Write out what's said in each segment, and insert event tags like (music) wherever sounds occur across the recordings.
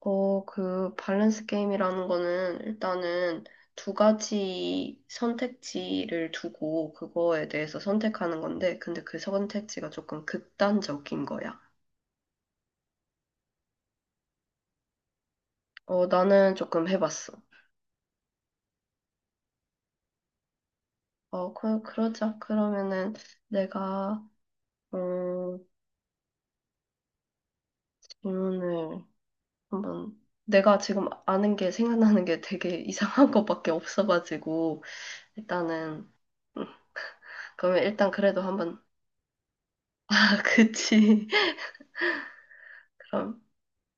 어, 그 밸런스 게임이라는 거는 일단은 두 가지 선택지를 두고 그거에 대해서 선택하는 건데, 근데 그 선택지가 조금 극단적인 거야. 어, 나는 조금 해봤어. 어, 그러자. 그러면은 내가, 어, 질문을 한번, 내가 지금 아는 게 생각나는 게 되게 (laughs) 이상한 것밖에 없어가지고, 일단은, 음, 그러면 일단 그래도 한번, (laughs) 아, 그치. 그럼.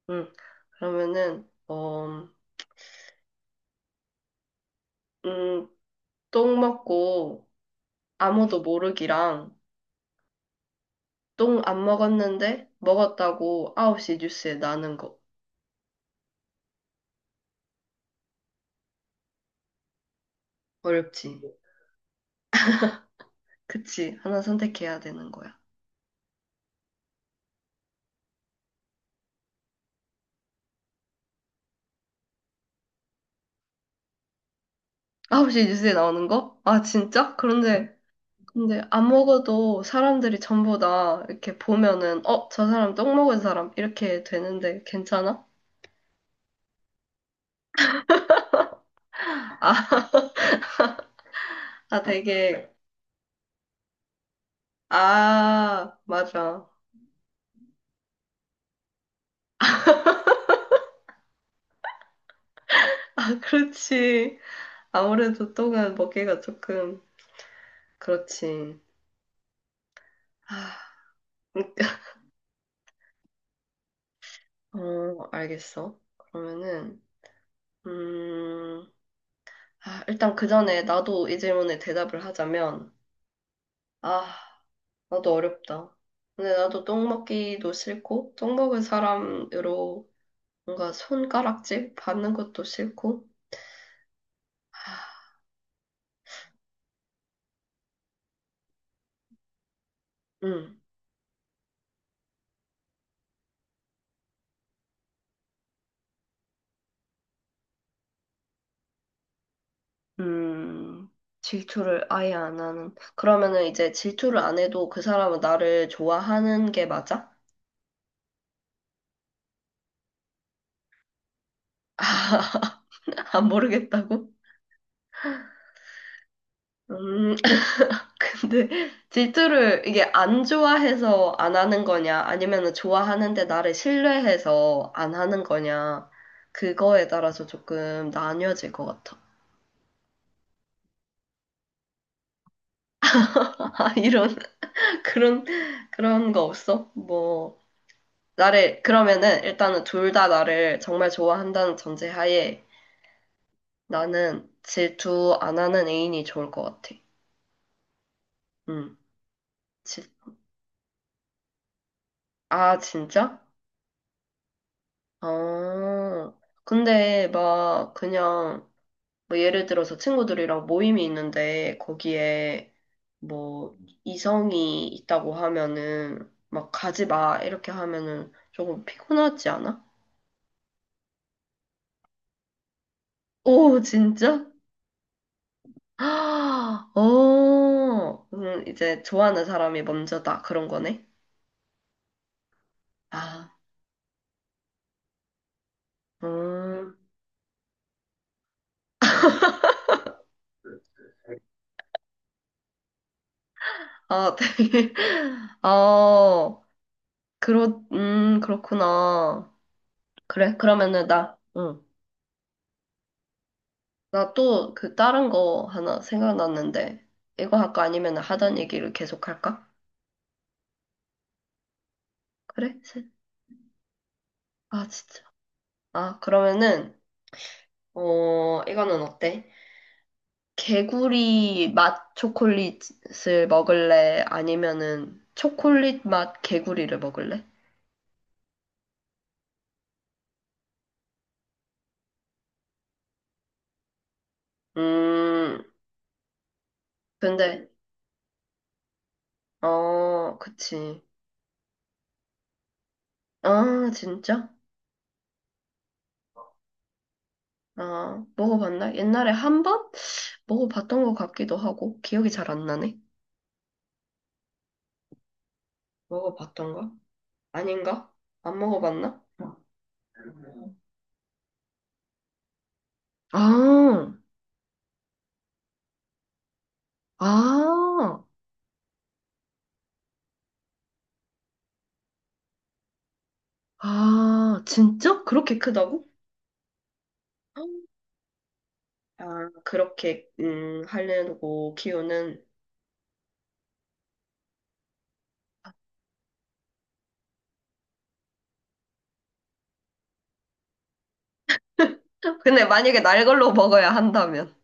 응. 그러면은, 어, 음, 똥 먹고 아무도 모르기랑 똥 안 먹었는데 먹었다고 9시 뉴스에 나는 거. 어렵지. 그치. 하나 선택해야 되는 거야. 9시 뉴스에 나오는 거? 아, 진짜? 그런데, 근데 안 먹어도 사람들이 전부 다 이렇게 보면은, 어, 저 사람 똥 먹은 사람. 이렇게 되는데 괜찮아? 아, 아 되게, 아, 맞아. 아, 그렇지. 아무래도 똥은 먹기가 조금 그렇지. 아, (laughs) 어, 알겠어. 그러면은 음, 아, 일단 그 전에 나도 이 질문에 대답을 하자면 아, 나도 어렵다. 근데 나도 똥 먹기도 싫고 똥 먹은 사람으로 뭔가 손가락질 받는 것도 싫고. 음. 음. 질투를 아예 안 하는. 그러면은 이제 질투를 안 해도 그 사람은 나를 좋아하는 게 맞아? (laughs) 안 모르겠다고? 음, 근데 (laughs) 질투를 이게 안 좋아해서 안 하는 거냐, 아니면은 좋아하는데 나를 신뢰해서 안 하는 거냐, 그거에 따라서 조금 나뉘어질 것 같아. (laughs) 아, 이런, (laughs) 그런, 그런 거 없어? 뭐, 나를, 그러면은 일단은 둘 다 나를 정말 좋아한다는 전제하에 나는 질투 안 하는 애인이 좋을 것 같아. 응. 질- 아, 진짜? 어, 근데 막 그냥, 뭐 예를 들어서 친구들이랑 모임이 있는데 거기에 뭐 이성이 있다고 하면은 막 가지 마 이렇게 하면은 조금 피곤하지 않아? 오 진짜? (gasps) 아, 어, 이제 좋아하는 사람이 먼저다 그런 거네. 아, 음, 아 (laughs) 되게, 아 그렇, 그렇구나. 그래 그러면은 나, 응. 나 또 그 다른 거 하나 생각났는데, 이거 할까? 아니면 하던 얘기를 계속 할까? 그래? 아, 진짜. 아, 그러면은, 어, 이거는 어때? 개구리 맛 초콜릿을 먹을래? 아니면은 초콜릿 맛 개구리를 먹을래? 음, 근데, 어, 그치. 아, 진짜? 아, 먹어봤나? 옛날에 한 번? 먹어봤던 것 같기도 하고, 기억이 잘 안 나네. 먹어봤던가? 아닌가? 안 먹어봤나? 아, 아, 아, 진짜? 그렇게 크다고? 아, 그렇게, 하려고 키우는. 근데 만약에 날 걸로 먹어야 한다면.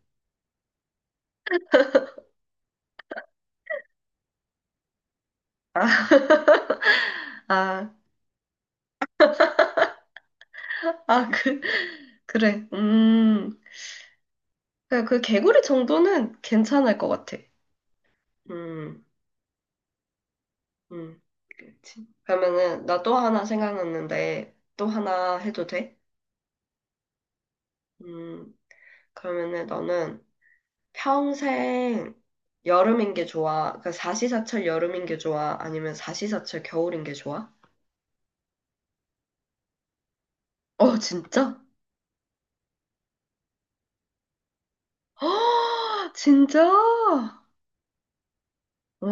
아, 아, 그, 그래. 그그 개구리 정도는 괜찮을 것 같아. 음, 음, 그렇지. 그러면은, 나 또 하나 생각났는데, 또 하나 해도 돼? 음, 그러면은 너는, 평생 여름인 게 좋아? 그러니까 사시사철 여름인 게 좋아? 아니면 사시사철 겨울인 게 좋아? 어, 진짜? (gasps) 허어어어 진짜? 어,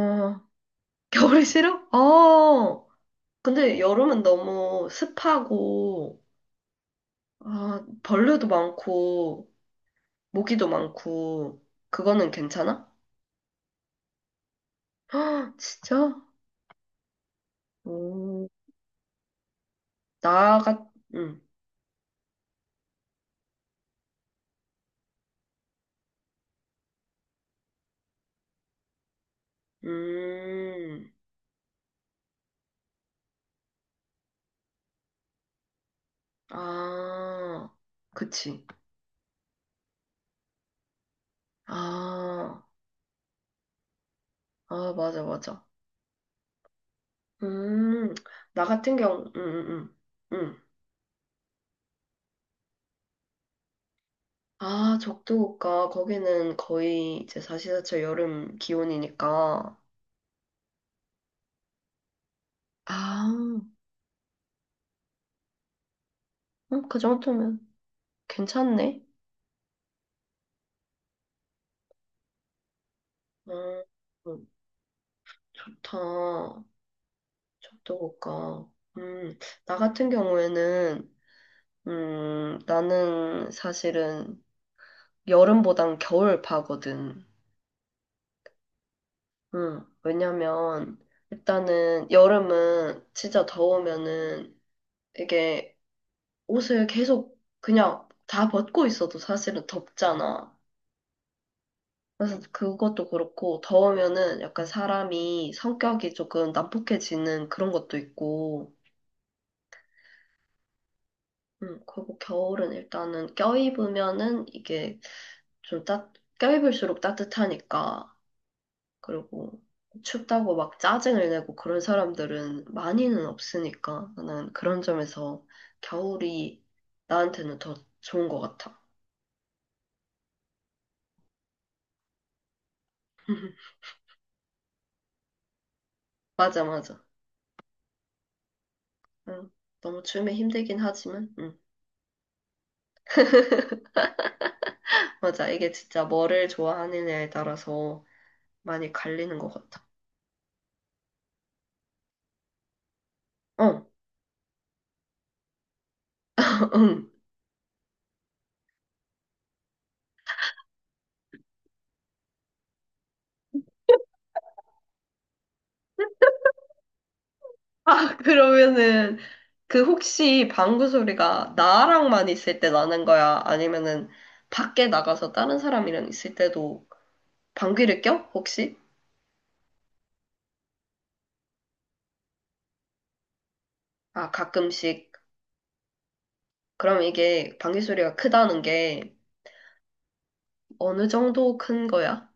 겨울이 싫어? 어. 근데 여름은 너무 습하고, 아, 벌레도 많고, 모기도 많고, 그거는 괜찮아? 진짜? 오, 나가, 응, 음, 아, 그치. 아. 아, 맞아, 맞아. 음, 나 같은 경우, 음. 아, 적도국가, 거기는 거의 이제 4시사철 여름 기온이니까. 아, 그 정도면 괜찮네. 음, 음, 좋다. 적도국가. 음, 나 같은 경우에는, 나는 사실은 여름보단 겨울파거든. 왜냐면, 일단은 여름은 진짜 더우면은 이게 옷을 계속 그냥 다 벗고 있어도 사실은 덥잖아. 그래서 그것도 그렇고 더우면은 약간 사람이 성격이 조금 난폭해지는 그런 것도 있고, 그리고 겨울은 일단은 껴입으면은 이게 좀 따, 껴입을수록 따뜻하니까, 그리고 춥다고 막 짜증을 내고 그런 사람들은 많이는 없으니까, 나는 그런 점에서 겨울이 나한테는 더 좋은 것 같아. (laughs) 맞아, 맞아. 응. 너무 추우면 힘들긴 하지만, 응. 맞아. 이게 진짜 뭐를 좋아하느냐에 따라서 많이 갈리는 것 같아. 어, (laughs) 응. 아, 그러면은, 그 혹시 방구 소리가 나랑만 있을 때 나는 거야? 아니면은, 밖에 나가서 다른 사람이랑 있을 때도 방귀를 껴? 혹시? 아, 가끔씩. 그럼 이게 방귀 소리가 크다는 게 어느 정도 큰 거야?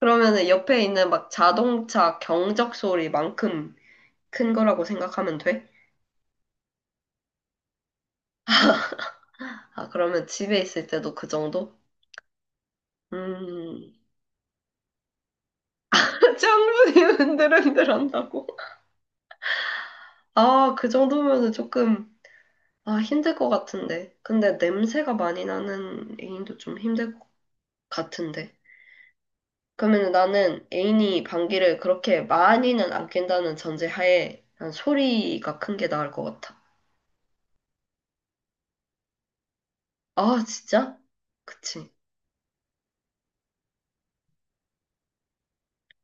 그러면은 옆에 있는 막 자동차 경적 소리만큼 큰 거라고 생각하면 돼? 아, 그러면 집에 있을 때도 그 정도? 음, (laughs) 짱분이 흔들흔들 한다고? 아, 그 정도면은 조금, 아, 힘들 것 같은데. 근데 냄새가 많이 나는 애인도 좀 힘들 것 같은데. 그러면 나는 애인이 방귀를 그렇게 많이는 안 낀다는 전제하에 난 소리가 큰 게 나을 것 같아. 아, 진짜? 그치.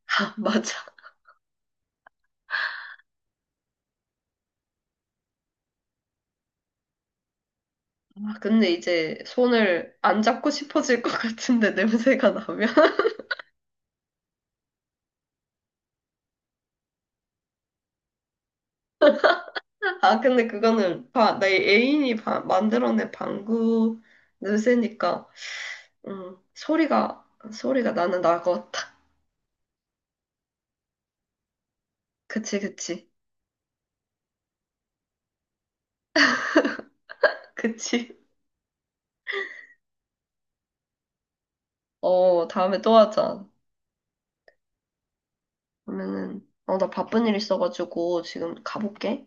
아, (laughs) 맞아. 아, 근데 이제 손을 안 잡고 싶어질 것 같은데, (laughs) 냄새가 나면. 아, 근데 그거는 내 애인이 만들어낸 방구 냄새니까, 음, 소리가, 소리가 나는 나고, 탁. 그치, 그치. 그치. 어, 다음에 또 하자. 그러면은, 어, 나 바쁜 일 있어가지고 지금 가볼게.